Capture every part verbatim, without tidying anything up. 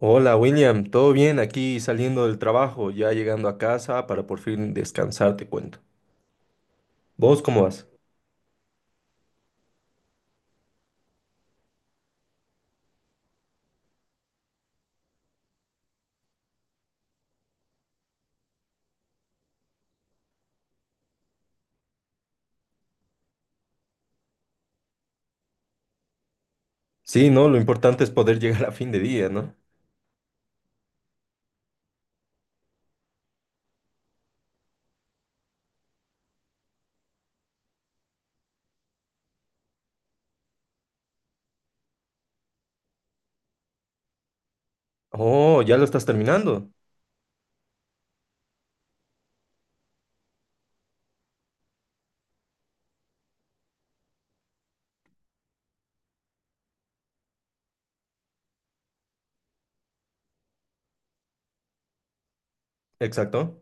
Hola William, ¿todo bien? Aquí saliendo del trabajo, ya llegando a casa para por fin descansar, te cuento. ¿Vos cómo vas? Sí, no, lo importante es poder llegar a fin de día, ¿no? Oh, ya lo estás terminando. Exacto.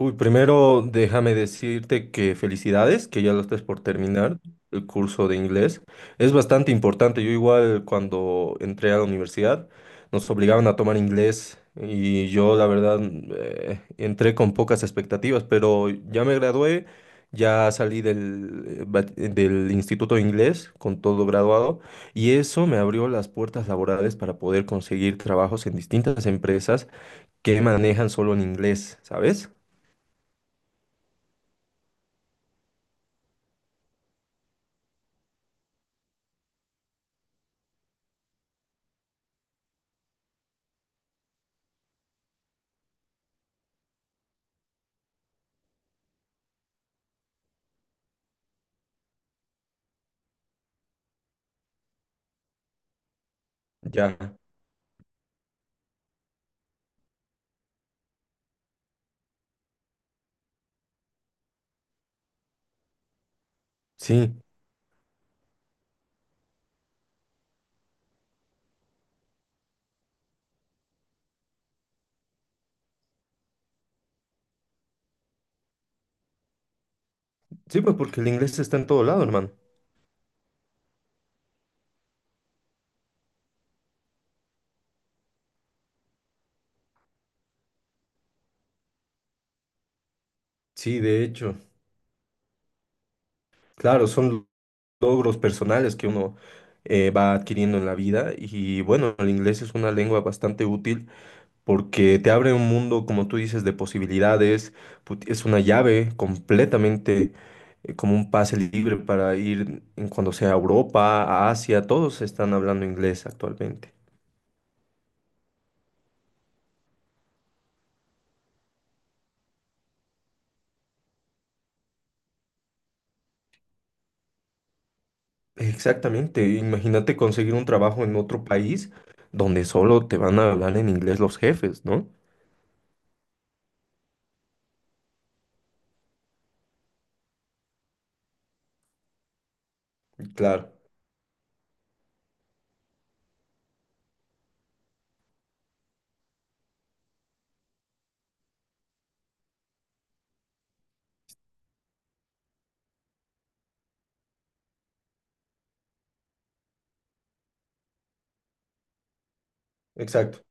Uy, primero déjame decirte que felicidades, que ya lo estás por terminar el curso de inglés. Es bastante importante. Yo igual cuando entré a la universidad nos obligaban a tomar inglés y yo la verdad eh, entré con pocas expectativas, pero ya me gradué, ya salí del, eh, bat- del Instituto de Inglés con todo graduado y eso me abrió las puertas laborales para poder conseguir trabajos en distintas empresas que manejan solo en inglés, ¿sabes? Ya, sí. Sí, pues porque el inglés está en todo lado, hermano. Sí, de hecho. Claro, son logros personales que uno eh, va adquiriendo en la vida. Y bueno, el inglés es una lengua bastante útil porque te abre un mundo, como tú dices, de posibilidades. Put- Es una llave completamente eh, como un pase libre para ir en cuando sea a Europa, a Asia. Todos están hablando inglés actualmente. Exactamente, imagínate conseguir un trabajo en otro país donde solo te van a hablar en inglés los jefes, ¿no? Claro, exacto.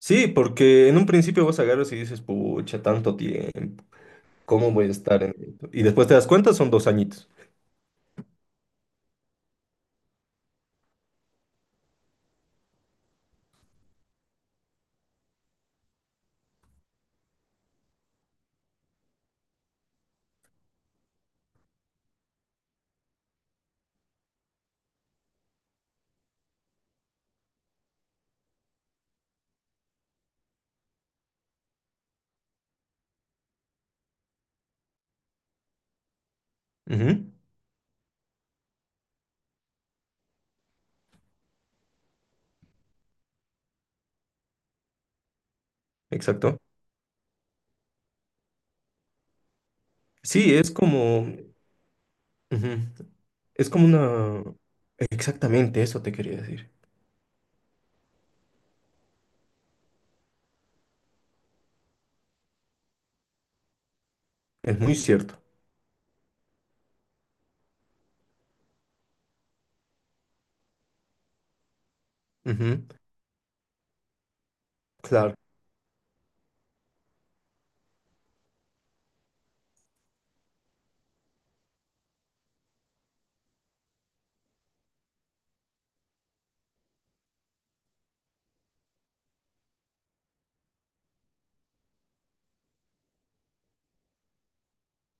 Sí, porque en un principio vas a agarras y dices, pucha, tanto tiempo, ¿cómo voy a estar en esto? Y después te das cuenta, son dos añitos. Ujú. Exacto. Sí, es como, ujú, es como una, exactamente eso te quería decir. Es muy cierto. Ujú. Claro.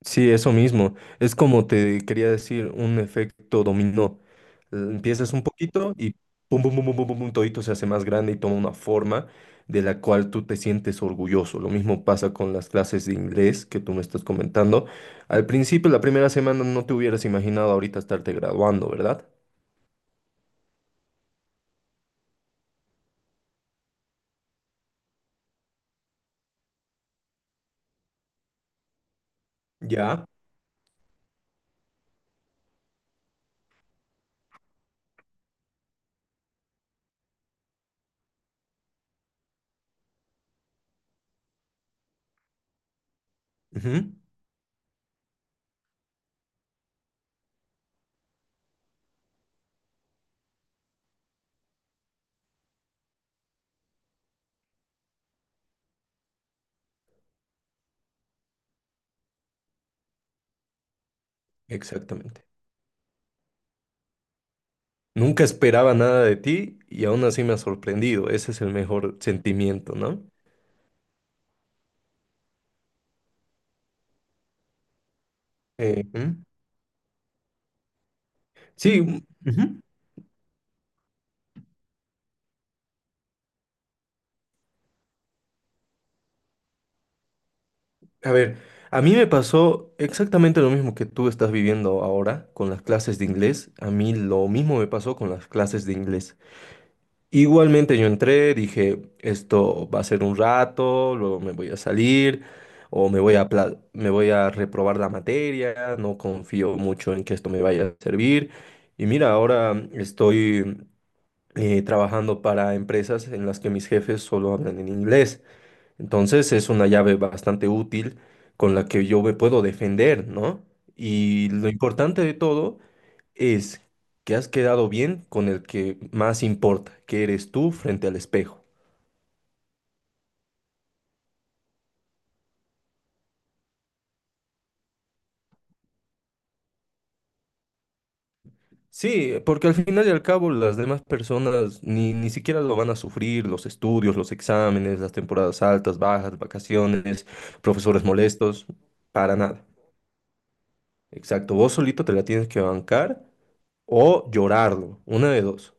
Sí, eso mismo. Es como te quería decir, un efecto dominó. Eh, Empiezas un poquito y pum, pum, pum, pum, pum, pum, pum, todito se hace más grande y toma una forma de la cual tú te sientes orgulloso. Lo mismo pasa con las clases de inglés que tú me estás comentando. Al principio, la primera semana, no te hubieras imaginado ahorita estarte graduando, ¿verdad? Ya. Ujú. Exactamente. Nunca esperaba nada de ti y aún así me ha sorprendido. Ese es el mejor sentimiento, ¿no? Eh, ujú. Sí. Ujú. A ver, a mí me pasó exactamente lo mismo que tú estás viviendo ahora con las clases de inglés. A mí lo mismo me pasó con las clases de inglés. Igualmente yo entré, dije, esto va a ser un rato, luego me voy a salir o me voy a, apla- me voy a reprobar la materia, no confío mucho en que esto me vaya a servir. Y mira, ahora estoy eh, trabajando para empresas en las que mis jefes solo hablan en inglés. Entonces es una llave bastante útil con la que yo me puedo defender, ¿no? Y lo importante de todo es que has quedado bien con el que más importa, que eres tú frente al espejo. Sí, porque al final y al cabo las demás personas ni, ni siquiera lo van a sufrir, los estudios, los exámenes, las temporadas altas, bajas, vacaciones, profesores molestos, para nada. Exacto, vos solito te la tienes que bancar o llorarlo, una de dos.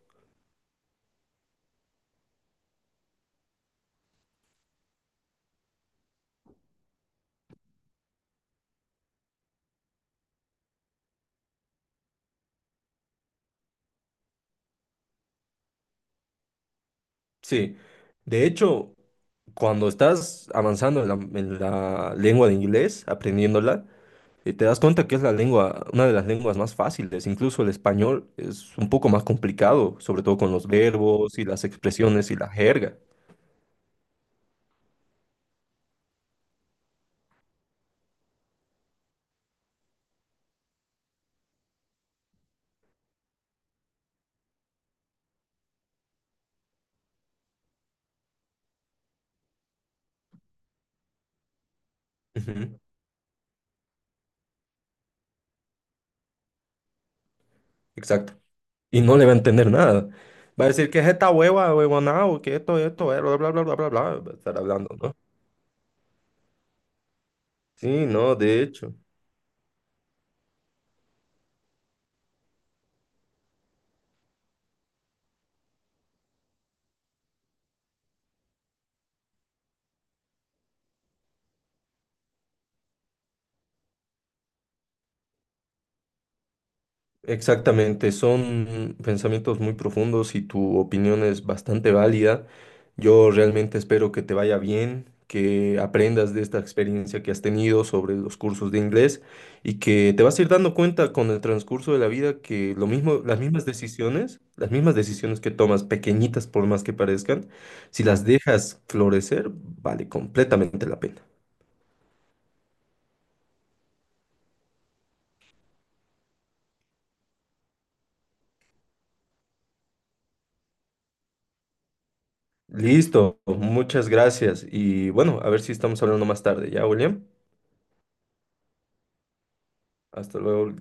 Sí, de hecho, cuando estás avanzando en la, en la lengua de inglés, aprendiéndola, eh, te das cuenta que es la lengua, una de las lenguas más fáciles. Incluso el español es un poco más complicado, sobre todo con los verbos y las expresiones y la jerga. Ujú. Exacto. Y no le va a entender nada. Va a decir que es esta hueva, huevonao, que esto, esto, eh, bla, bla, bla, bla, bla, bla, va a estar hablando, ¿no? Sí, no, de hecho. Exactamente, son pensamientos muy profundos y tu opinión es bastante válida. Yo realmente espero que te vaya bien, que aprendas de esta experiencia que has tenido sobre los cursos de inglés y que te vas a ir dando cuenta con el transcurso de la vida que lo mismo, las mismas decisiones, las mismas decisiones que tomas, pequeñitas por más que parezcan, si las dejas florecer, vale completamente la pena. Listo, muchas gracias y bueno, a ver si estamos hablando más tarde, ¿ya, William? Hasta luego.